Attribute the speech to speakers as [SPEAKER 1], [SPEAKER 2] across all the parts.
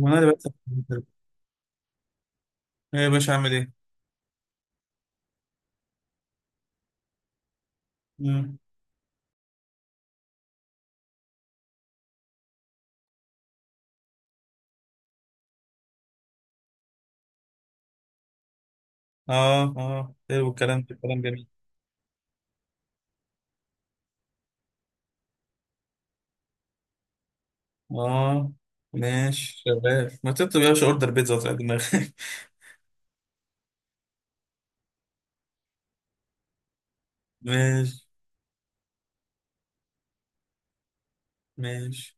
[SPEAKER 1] وانا اللي بكسب. ايه يا باشا اعمل ايه؟ مم. اه، اه، حلو الكلام ده كلام جميل. اه، ماشي شباب، ما تكتب يا باشا اوردر بيتزا وتعالى دماغك. ماشي. ماشي.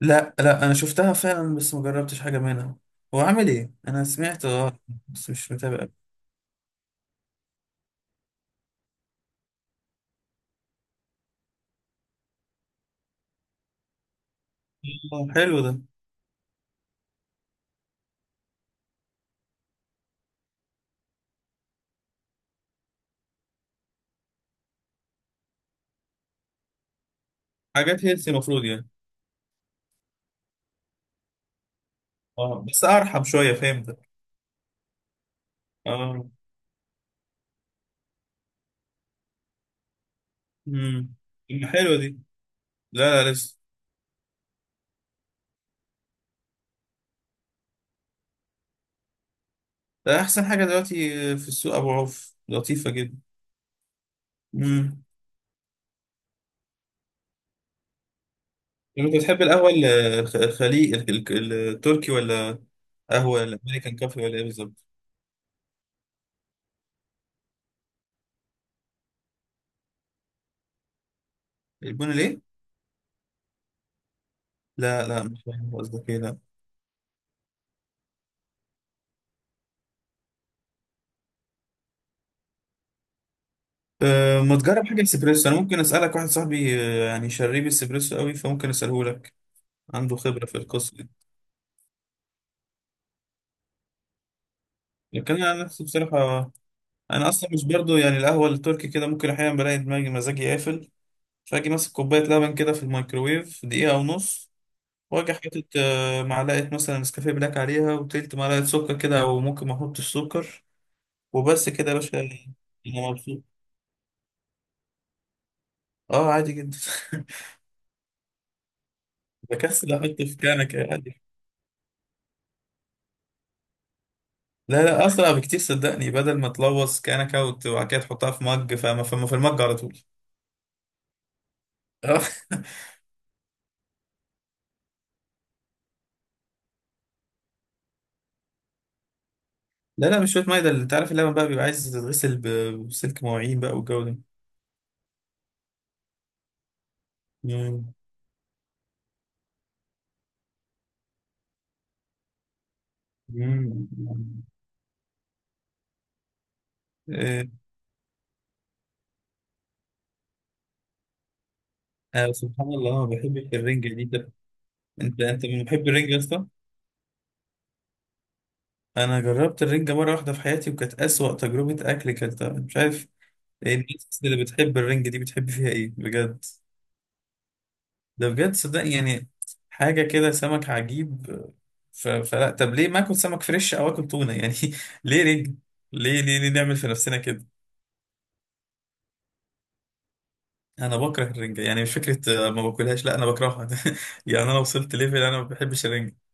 [SPEAKER 1] لا، لا، انا شفتها فعلا بس ما جربتش حاجه منها. هو عامل ايه؟ انا سمعت. اه، بس مش متابع. اه، حلو ده. حاجات هيلثي المفروض يعني. اه، بس ارحم شويه فهمت. اه. امم. طب حلوه دي. لا، لا، لسه. ده احسن حاجه دلوقتي. في السوق ابو عوف لطيفه جدا. مم. لما انت بتحب القهوة الخليج التركي، ولا قهوة الأمريكان كافي، ولا إيه بالظبط؟ البن ليه؟ لا، لا، مش فاهم قصدك إيه. لا. أه، ما تجرب حاجة اسبريسو. أنا ممكن أسألك واحد صاحبي يعني شريب اسبريسو قوي، فممكن أسأله لك. عنده خبرة في القصة دي. لكن أنا عن نفسي بصراحة، أنا أصلا مش برضو يعني القهوة التركي كده، ممكن أحيانا بلاقي دماغي مزاجي قافل. فأجي ماسك كوباية لبن كده في الميكروويف دقيقة ونص، واجي حاطط معلقة مثلا نسكافيه بلاك عليها وتلت معلقة سكر كده، أو ممكن ما أحطش سكر. وبس كده يا باشا. انا مبسوط. اه، عادي جدا. بكسل احط في كنكه عادي. لا، لا، اسرع بكتير صدقني، بدل ما تلوث كنكه وبعد كده تحطها في مج، فما في المج على طول. اه. لا، لا، مش شويه ميه. ده اللي انت عارف، اللبن بقى بيبقى عايز تتغسل بسلك مواعين بقى والجو ده. مم. مم. إيه. آه، سبحان الله ما بحبش الرنجة دي ده. انت من محب الرنجة يا اسطى. انا جربت الرنجة مرة واحدة في حياتي، وكانت اسوأ تجربة اكل، كانت مش عارف. إيه الناس اللي بتحب الرنج دي بتحب فيها ايه بجد؟ ده بجد صدقني يعني، حاجة كده سمك عجيب. فلا، طب ليه ما اكل سمك فريش او اكل تونة يعني؟ ليه رنج؟ ليه، ليه، ليه نعمل في نفسنا كده؟ انا بكره الرنجة يعني، مش فكرة ما باكلهاش، لا انا بكرهها. يعني انا وصلت ليفل انا ما بحبش الرنجة.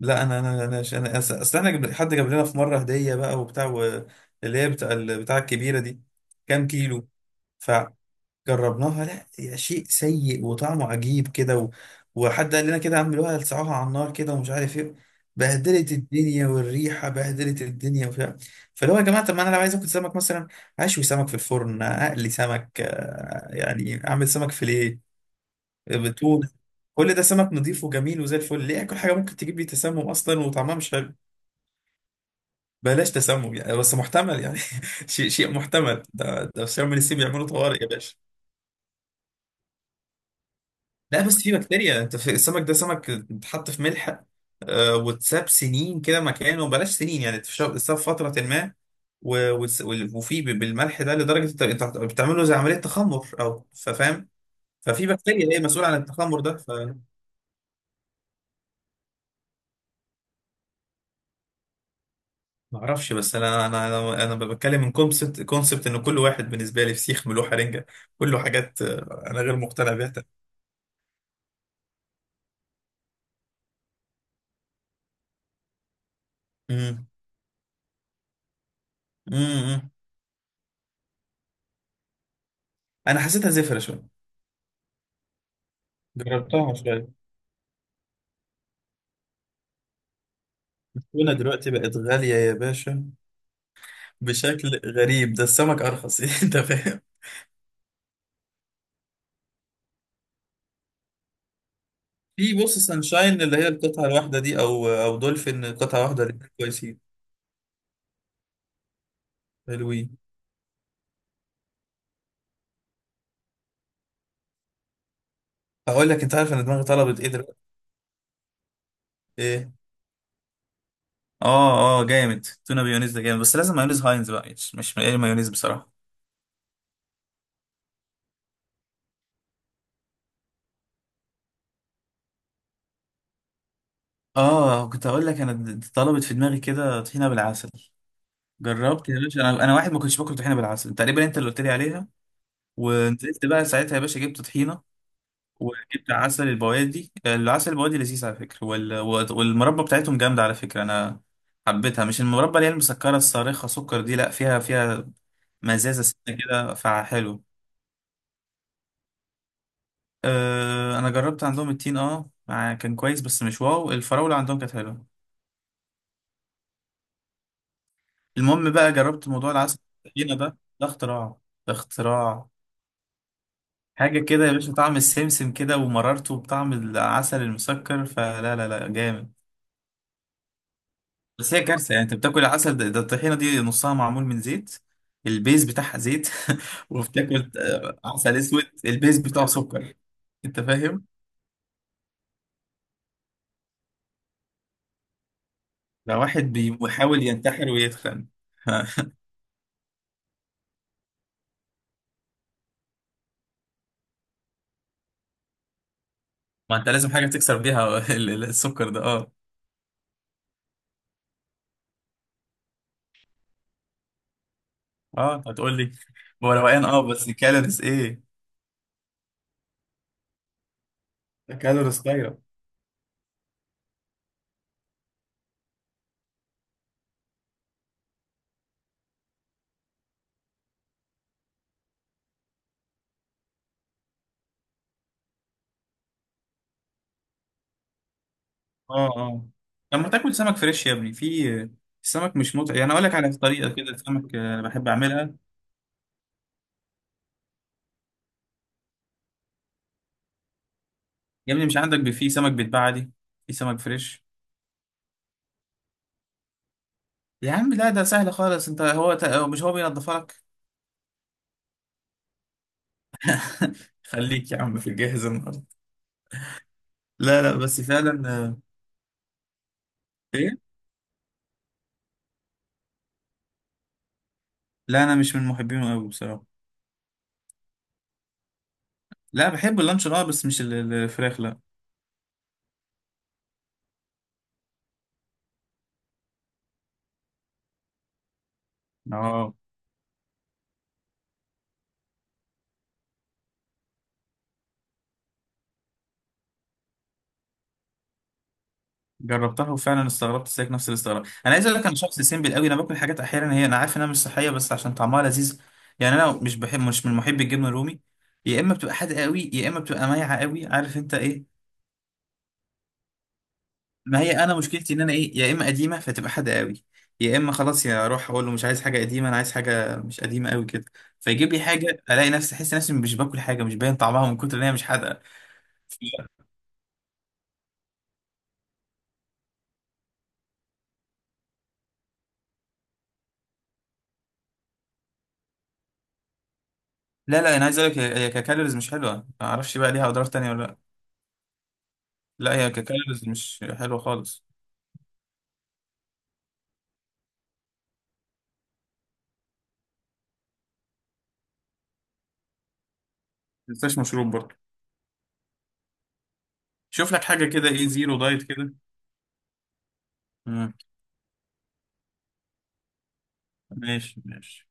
[SPEAKER 1] لا، انا أصل احنا حد جاب لنا في مرة هدية بقى وبتاع اللي هي بتاع بتاع الكبيرة دي، كام كيلو. فجربناها، لا يا شيء سيء وطعمه عجيب كده وحد قال لنا كده اعملوها لسعوها على النار كده ومش عارف ايه. بهدلت الدنيا، والريحه بهدلت الدنيا وبتاع. فاللي هو يا جماعه، طب ما انا لو عايز اكل سمك مثلا، اشوي سمك في الفرن، اقلي سمك، يعني اعمل سمك فيليه بتون. كل ده سمك نضيف وجميل وزي الفل، ليه اكل حاجه ممكن تجيب لي تسمم اصلا وطعمها مش حلو؟ بلاش تسمم يعني، بس محتمل يعني. شيء، شيء محتمل، ده في شم النسيم بيعملوا طوارئ يا باشا. لا، بس في بكتيريا، انت في السمك ده سمك اتحط في ملح واتساب سنين كده مكانه، بلاش سنين يعني، اتساب فترة ما، بالملح ده لدرجة انت بتعمله زي عملية تخمر او فاهم. ففي بكتيريا هي مسؤولة عن التخمر ده. فمعرفش، بس انا بتكلم من كونسبت ان كل واحد بالنسبة لي فسيخ ملوحة رنجة، كله حاجات انا غير مقتنع بيها تماماً. امم. امم. انا حسيتها زفرة شوية، جربتها شوية. التونة دلوقتي بقت غالية يا باشا، بشكل غريب. ده السمك ارخص. انت فاهم. في بص سانشاين اللي هي القطعه الواحده دي، او دولفين قطعه واحده، الاتنين كويسين. حلوين. هقول لك، انت عارف انا دماغي طلبت ايه دلوقتي؟ ايه. اه، اه، جامد. تونه بيونيز ده جامد، بس لازم مايونيز هاينز بقى، مش اي مايونيز بصراحه. اه، كنت هقول لك انا طلبت في دماغي كده طحينه بالعسل. جربت يا باشا، انا واحد ما كنتش باكل طحينه بالعسل تقريبا، انت اللي قلت لي عليها. ونزلت بقى ساعتها يا باشا، جبت طحينه وجبت عسل البوادي. العسل البوادي لذيذ على فكرة، والمربى بتاعتهم جامدة على فكرة. أنا حبيتها، مش المربى اللي هي المسكرة الصارخة سكر دي، لأ، فيها مزازة سنة كده، فحلو. أه، أنا جربت عندهم التين. أه، كان كويس بس مش واو. الفراولة عندهم كانت حلوة. المهم بقى، جربت موضوع العسل. التخينة ده. ده اختراع. ده اختراع. حاجة كده يا باشا، طعم السمسم كده ومررته بطعم العسل المسكر، فلا، لا، لا، جامد. بس هي كارثه يعني، انت بتاكل العسل ده، ده الطحينه دي نصها معمول من زيت، البيز بتاعها زيت. وبتاكل عسل اسود، البيز بتاعه سكر. انت فاهم؟ لو واحد بيحاول ينتحر ويتخن. ما انت لازم حاجه تكسر بيها. السكر ده. اه. اه، انت هتقول لي. هو روقان، اه، بس كالوريز ايه؟ كالوريز طايره. اه، اه، لما تاكل سمك فريش يا ابني، في السمك مش متعب يعني. اقول لك على طريقه كده، السمك بحب اعملها. يا ابني مش عندك في سمك بيتباع عادي؟ في سمك فريش. يا عم لا، ده سهل خالص. انت هو ت... هو مش هو بينضفها لك. خليك يا عم في الجاهز النهارده. لا، لا، بس فعلا ايه. لا، انا مش من محبينه قوي بصراحه. لا، بحب اللانشون اه، بس مش الفراخ لا. اه، جربتها وفعلا استغربت زيك نفس الاستغراب. انا عايز اقول لك، انا شخص سيمبل قوي، انا باكل حاجات احيانا هي انا عارف انها مش صحيه بس عشان طعمها لذيذ. يعني انا مش بحب، مش من محبي الجبنه الرومي. يا اما بتبقى حادقه قوي، يا اما بتبقى مايعه قوي، عارف انت ايه. ما هي انا مشكلتي ان انا ايه، يا اما قديمه فتبقى حاجه قوي، يا اما خلاص، يا اروح اقول له مش عايز حاجه قديمه، انا عايز حاجه مش قديمه قوي كده، فيجيب لي حاجه، الاقي نفسي احس نفسي مش باكل حاجه، مش باين طعمها من كتر ان هي مش حادقه. لا، لا، انا عايز اقول لك، هي هي ككالوريز مش حلوه، ما اعرفش بقى ليها اضرار تانية ولا لا. لا هي ككالوريز مش حلوه خالص. ما تنساش مشروب برضه. شوف لك حاجه كده، ايه زيرو دايت كده. مم. ماشي. ماشي.